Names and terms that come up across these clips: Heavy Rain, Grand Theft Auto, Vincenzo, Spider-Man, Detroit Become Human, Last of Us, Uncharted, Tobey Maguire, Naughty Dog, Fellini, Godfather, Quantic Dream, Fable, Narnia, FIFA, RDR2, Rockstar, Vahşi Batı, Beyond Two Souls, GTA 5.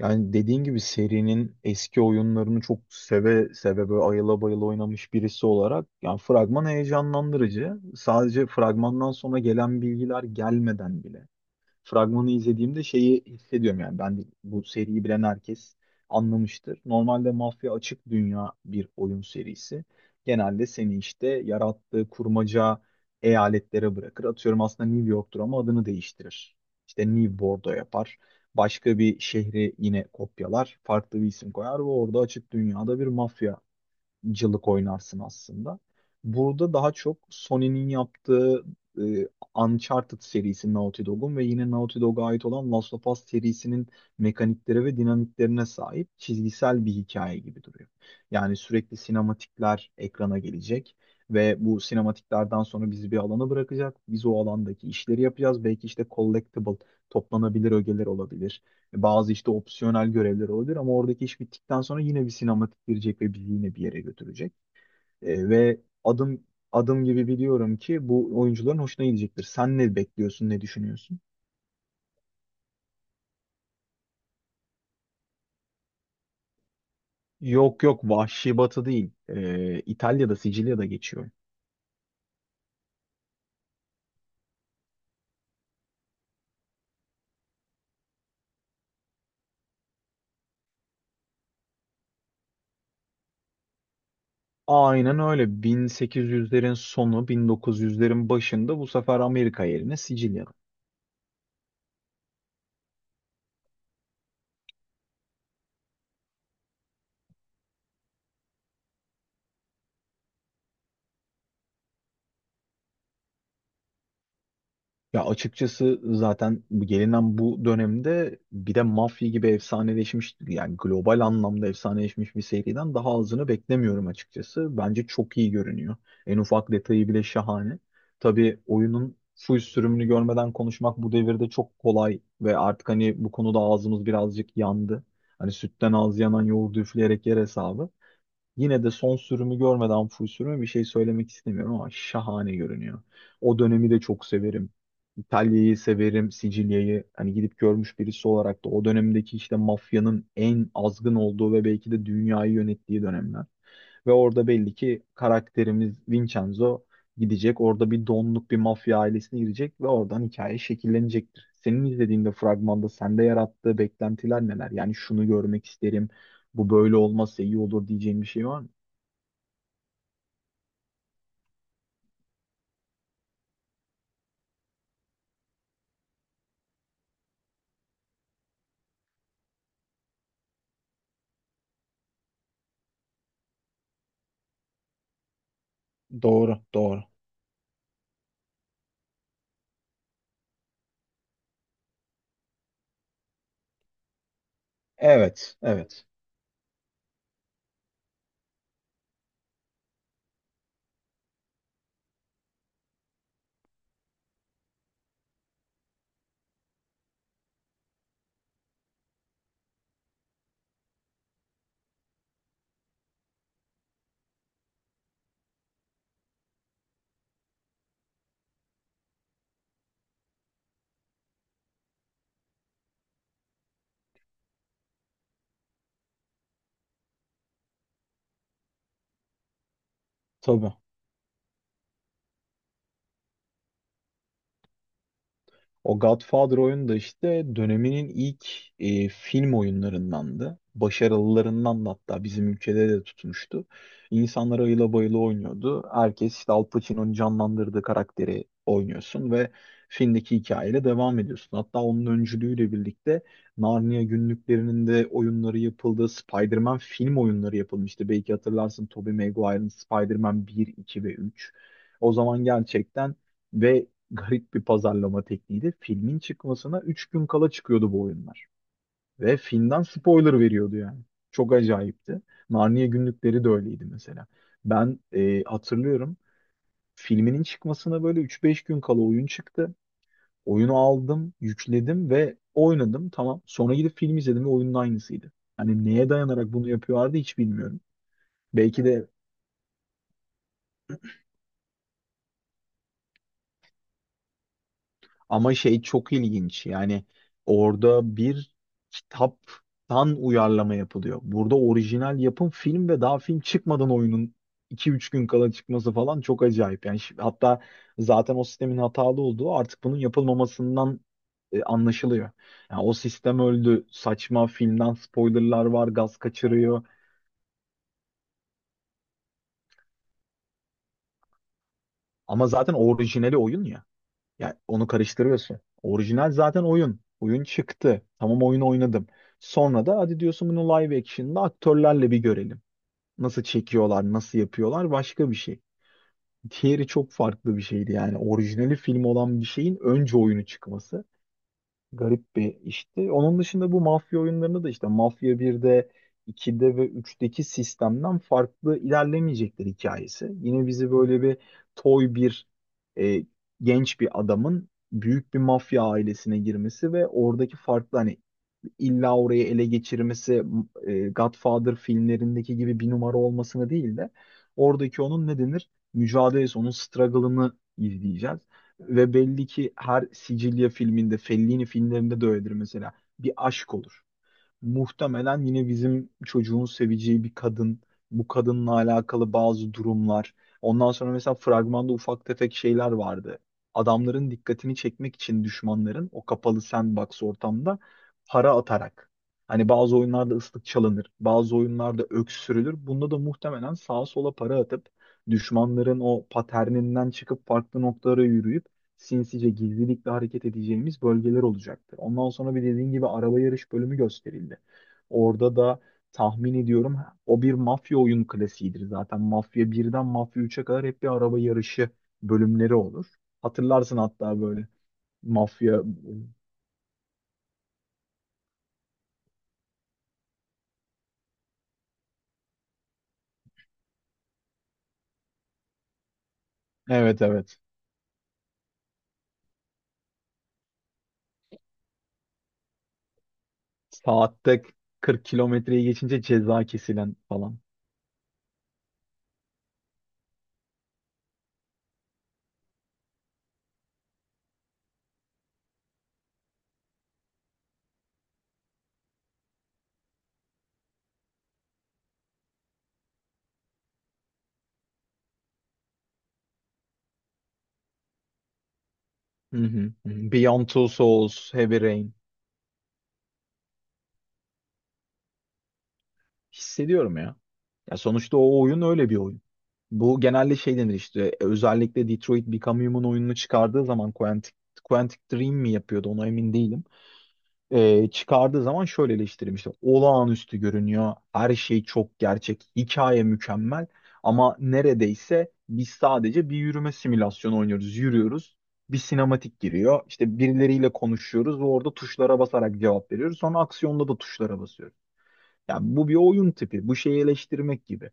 Yani dediğin gibi serinin eski oyunlarını çok seve seve böyle ayıla bayıla oynamış birisi olarak yani fragman heyecanlandırıcı. Sadece fragmandan sonra gelen bilgiler gelmeden bile fragmanı izlediğimde şeyi hissediyorum, yani bu seriyi bilen herkes anlamıştır. Normalde mafya açık dünya bir oyun serisi. Genelde seni işte yarattığı kurmaca eyaletlere bırakır. Atıyorum, aslında New York'tur ama adını değiştirir. İşte New Bordeaux yapar. Başka bir şehri yine kopyalar. Farklı bir isim koyar ve orada açık dünyada bir mafya cılık oynarsın aslında. Burada daha çok Sony'nin yaptığı e, Uncharted serisi Naughty Dog'un ve yine Naughty Dog'a ait olan Last of Us serisinin mekaniklere ve dinamiklerine sahip çizgisel bir hikaye gibi duruyor. Yani sürekli sinematikler ekrana gelecek ve bu sinematiklerden sonra bizi bir alana bırakacak. Biz o alandaki işleri yapacağız. Belki işte collectible, toplanabilir ögeler olabilir. Bazı işte opsiyonel görevler olabilir ama oradaki iş bittikten sonra yine bir sinematik girecek ve bizi yine bir yere götürecek. Ve adım adım gibi biliyorum ki bu oyuncuların hoşuna gidecektir. Sen ne bekliyorsun, ne düşünüyorsun? Yok yok, Vahşi Batı değil. İtalya'da, Sicilya'da geçiyor. Aynen öyle. 1800'lerin sonu, 1900'lerin başında bu sefer Amerika yerine Sicilya. Ya açıkçası zaten bu gelinen bu dönemde bir de Mafya gibi efsaneleşmiş, yani global anlamda efsaneleşmiş bir seriden daha azını beklemiyorum açıkçası. Bence çok iyi görünüyor. En ufak detayı bile şahane. Tabii oyunun full sürümünü görmeden konuşmak bu devirde çok kolay ve artık hani bu konuda ağzımız birazcık yandı. Hani sütten ağız yanan yoğurdu üfleyerek yer hesabı. Yine de son sürümü görmeden full sürümü bir şey söylemek istemiyorum ama şahane görünüyor. O dönemi de çok severim. İtalya'yı severim, Sicilya'yı hani gidip görmüş birisi olarak da o dönemdeki işte mafyanın en azgın olduğu ve belki de dünyayı yönettiği dönemler. Ve orada belli ki karakterimiz Vincenzo gidecek. Orada bir donluk bir mafya ailesine girecek ve oradan hikaye şekillenecektir. Senin izlediğinde fragmanda sende yarattığı beklentiler neler? Yani şunu görmek isterim, bu böyle olmazsa iyi olur diyeceğin bir şey var mı? Doğru, doğru. Evet, evet. Tabii. O Godfather oyunu da işte döneminin ilk film oyunlarındandı. Başarılılarından da, hatta bizim ülkede de tutmuştu. İnsanlar ayıla bayıla oynuyordu. Herkes işte Al Pacino'nun canlandırdığı karakteri oynuyorsun ve filmdeki hikayeyle devam ediyorsun. Hatta onun öncülüğüyle birlikte Narnia günlüklerinin de oyunları yapıldı. Spider-Man film oyunları yapılmıştı. Belki hatırlarsın, Tobey Maguire'ın Spider-Man 1, 2 ve 3. O zaman gerçekten ve garip bir pazarlama tekniğiydi. Filmin çıkmasına 3 gün kala çıkıyordu bu oyunlar. Ve filmden spoiler veriyordu yani. Çok acayipti. Narnia günlükleri de öyleydi mesela. Ben hatırlıyorum, filminin çıkmasına böyle üç beş gün kala oyun çıktı. Oyunu aldım, yükledim ve oynadım. Tamam. Sonra gidip film izledim ve oyunun aynısıydı. Hani neye dayanarak bunu yapıyorlardı hiç bilmiyorum. Belki de. Ama şey çok ilginç. Yani orada bir kitaptan uyarlama yapılıyor. Burada orijinal yapım film ve daha film çıkmadan oyunun iki üç gün kala çıkması falan çok acayip. Yani hatta zaten o sistemin hatalı olduğu artık bunun yapılmamasından anlaşılıyor. Yani o sistem öldü. Saçma, filmden spoilerlar var, gaz kaçırıyor. Ama zaten orijinali oyun ya. Ya onu karıştırıyorsun. Orijinal zaten oyun. Oyun çıktı. Tamam, oyunu oynadım. Sonra da hadi diyorsun, bunu live action'da aktörlerle bir görelim. Nasıl çekiyorlar, nasıl yapıyorlar, başka bir şey. Diğeri çok farklı bir şeydi yani. Orijinali film olan bir şeyin önce oyunu çıkması. Garip bir işti. Onun dışında bu mafya oyunlarında da işte Mafya 1'de, 2'de ve üçteki sistemden farklı ilerlemeyecekler hikayesi. Yine bizi böyle bir toy bir e, genç bir adamın büyük bir mafya ailesine girmesi ve oradaki farklı, hani illa orayı ele geçirmesi, Godfather filmlerindeki gibi bir numara olmasını değil de oradaki onun ne denir, mücadelesi, onun struggle'ını izleyeceğiz. Ve belli ki her Sicilya filminde, Fellini filmlerinde de öyledir mesela. Bir aşk olur. Muhtemelen yine bizim çocuğun seveceği bir kadın, bu kadınla alakalı bazı durumlar. Ondan sonra mesela fragmanda ufak tefek şeyler vardı. Adamların dikkatini çekmek için düşmanların o kapalı sandbox ortamda para atarak. Hani bazı oyunlarda ıslık çalınır, bazı oyunlarda öksürülür. Bunda da muhtemelen sağa sola para atıp düşmanların o paterninden çıkıp farklı noktalara yürüyüp sinsice gizlilikle hareket edeceğimiz bölgeler olacaktır. Ondan sonra bir, dediğin gibi, araba yarış bölümü gösterildi. Orada da tahmin ediyorum o bir mafya oyun klasiğidir zaten. Mafya birden Mafya üçe kadar hep bir araba yarışı bölümleri olur. Hatırlarsın hatta böyle mafya evet evet, saatte 40 kilometreyi geçince ceza kesilen falan. Hı hı. Hı hı. Beyond Two Souls, Heavy Rain. Hissediyorum ya. Ya sonuçta o oyun öyle bir oyun. Bu genelde şey denir işte, özellikle Detroit Become Human oyununu çıkardığı zaman Quantic Dream mi yapıyordu ona emin değilim. Çıkardığı zaman şöyle eleştirilmişti. Olağanüstü görünüyor. Her şey çok gerçek. Hikaye mükemmel. Ama neredeyse biz sadece bir yürüme simülasyonu oynuyoruz. Yürüyoruz. Bir sinematik giriyor. İşte birileriyle konuşuyoruz ve orada tuşlara basarak cevap veriyoruz. Sonra aksiyonda da tuşlara basıyoruz. Ya bu bir oyun tipi. Bu şeyi eleştirmek gibi.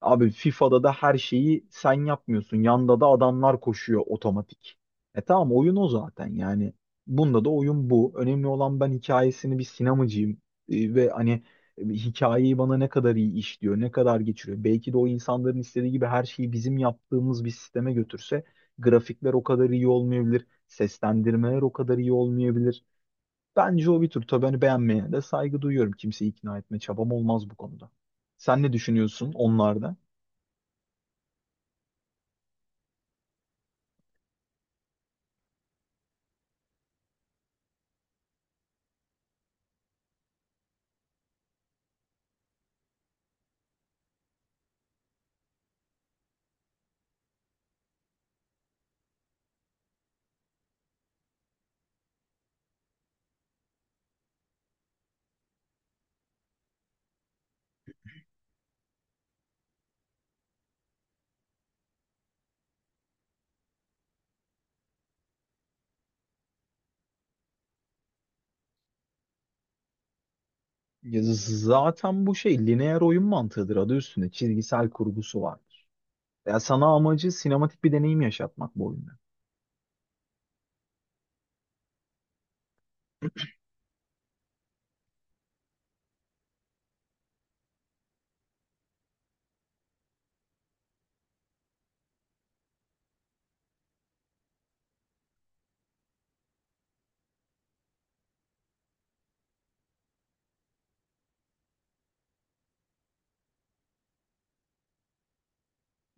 Abi FIFA'da da her şeyi sen yapmıyorsun. Yanda da adamlar koşuyor otomatik. E tamam, oyun o zaten yani. Bunda da oyun bu. Önemli olan, ben hikayesini bir sinemacıyım. Ve hani hikayeyi bana ne kadar iyi işliyor, ne kadar geçiriyor. Belki de o insanların istediği gibi her şeyi bizim yaptığımız bir sisteme götürse grafikler o kadar iyi olmayabilir. Seslendirmeler o kadar iyi olmayabilir. Bence o bir tür. Tabii hani beğenmeyene de saygı duyuyorum. Kimseyi ikna etme çabam olmaz bu konuda. Sen ne düşünüyorsun onlarda? Ya zaten bu şey lineer oyun mantığıdır, adı üstünde. Çizgisel kurgusu vardır. Ya sana amacı sinematik bir deneyim yaşatmak bu oyunda.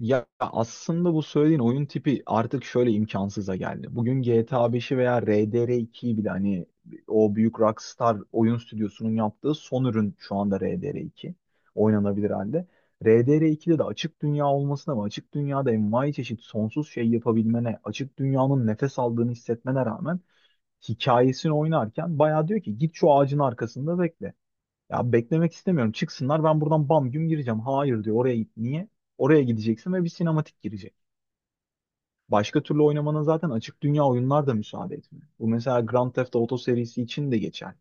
Ya aslında bu söylediğin oyun tipi artık şöyle imkansıza geldi. Bugün GTA 5'i veya RDR2'yi bile, hani o büyük Rockstar oyun stüdyosunun yaptığı son ürün, şu anda RDR2 oynanabilir halde. RDR2'de de açık dünya olmasına ve açık dünyada envai çeşit sonsuz şey yapabilmene, açık dünyanın nefes aldığını hissetmene rağmen hikayesini oynarken bayağı diyor ki git şu ağacın arkasında bekle. Ya beklemek istemiyorum. Çıksınlar, ben buradan bam güm gireceğim. Hayır diyor. Oraya git. Niye? Oraya gideceksin ve bir sinematik girecek. Başka türlü oynamanın zaten açık dünya oyunlar da müsaade etmiyor. Bu mesela Grand Theft Auto serisi için de geçer.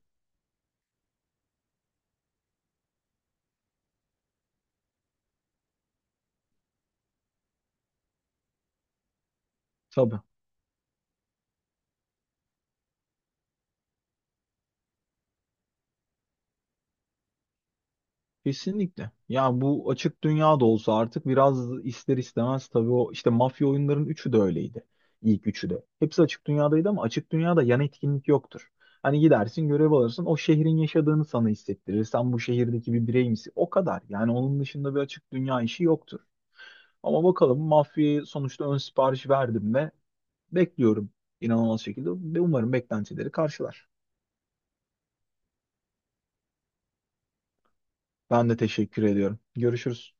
Tabii. Kesinlikle. Ya bu açık dünya da olsa artık biraz ister istemez, tabii, o işte mafya oyunların üçü de öyleydi. İlk üçü de. Hepsi açık dünyadaydı ama açık dünyada yan etkinlik yoktur. Hani gidersin görev alırsın, o şehrin yaşadığını sana hissettirir. Sen bu şehirdeki bir birey misin? O kadar. Yani onun dışında bir açık dünya işi yoktur. Ama bakalım, mafyaya sonuçta ön sipariş verdim ve bekliyorum inanılmaz şekilde, ve umarım beklentileri karşılar. Ben de teşekkür ediyorum. Görüşürüz.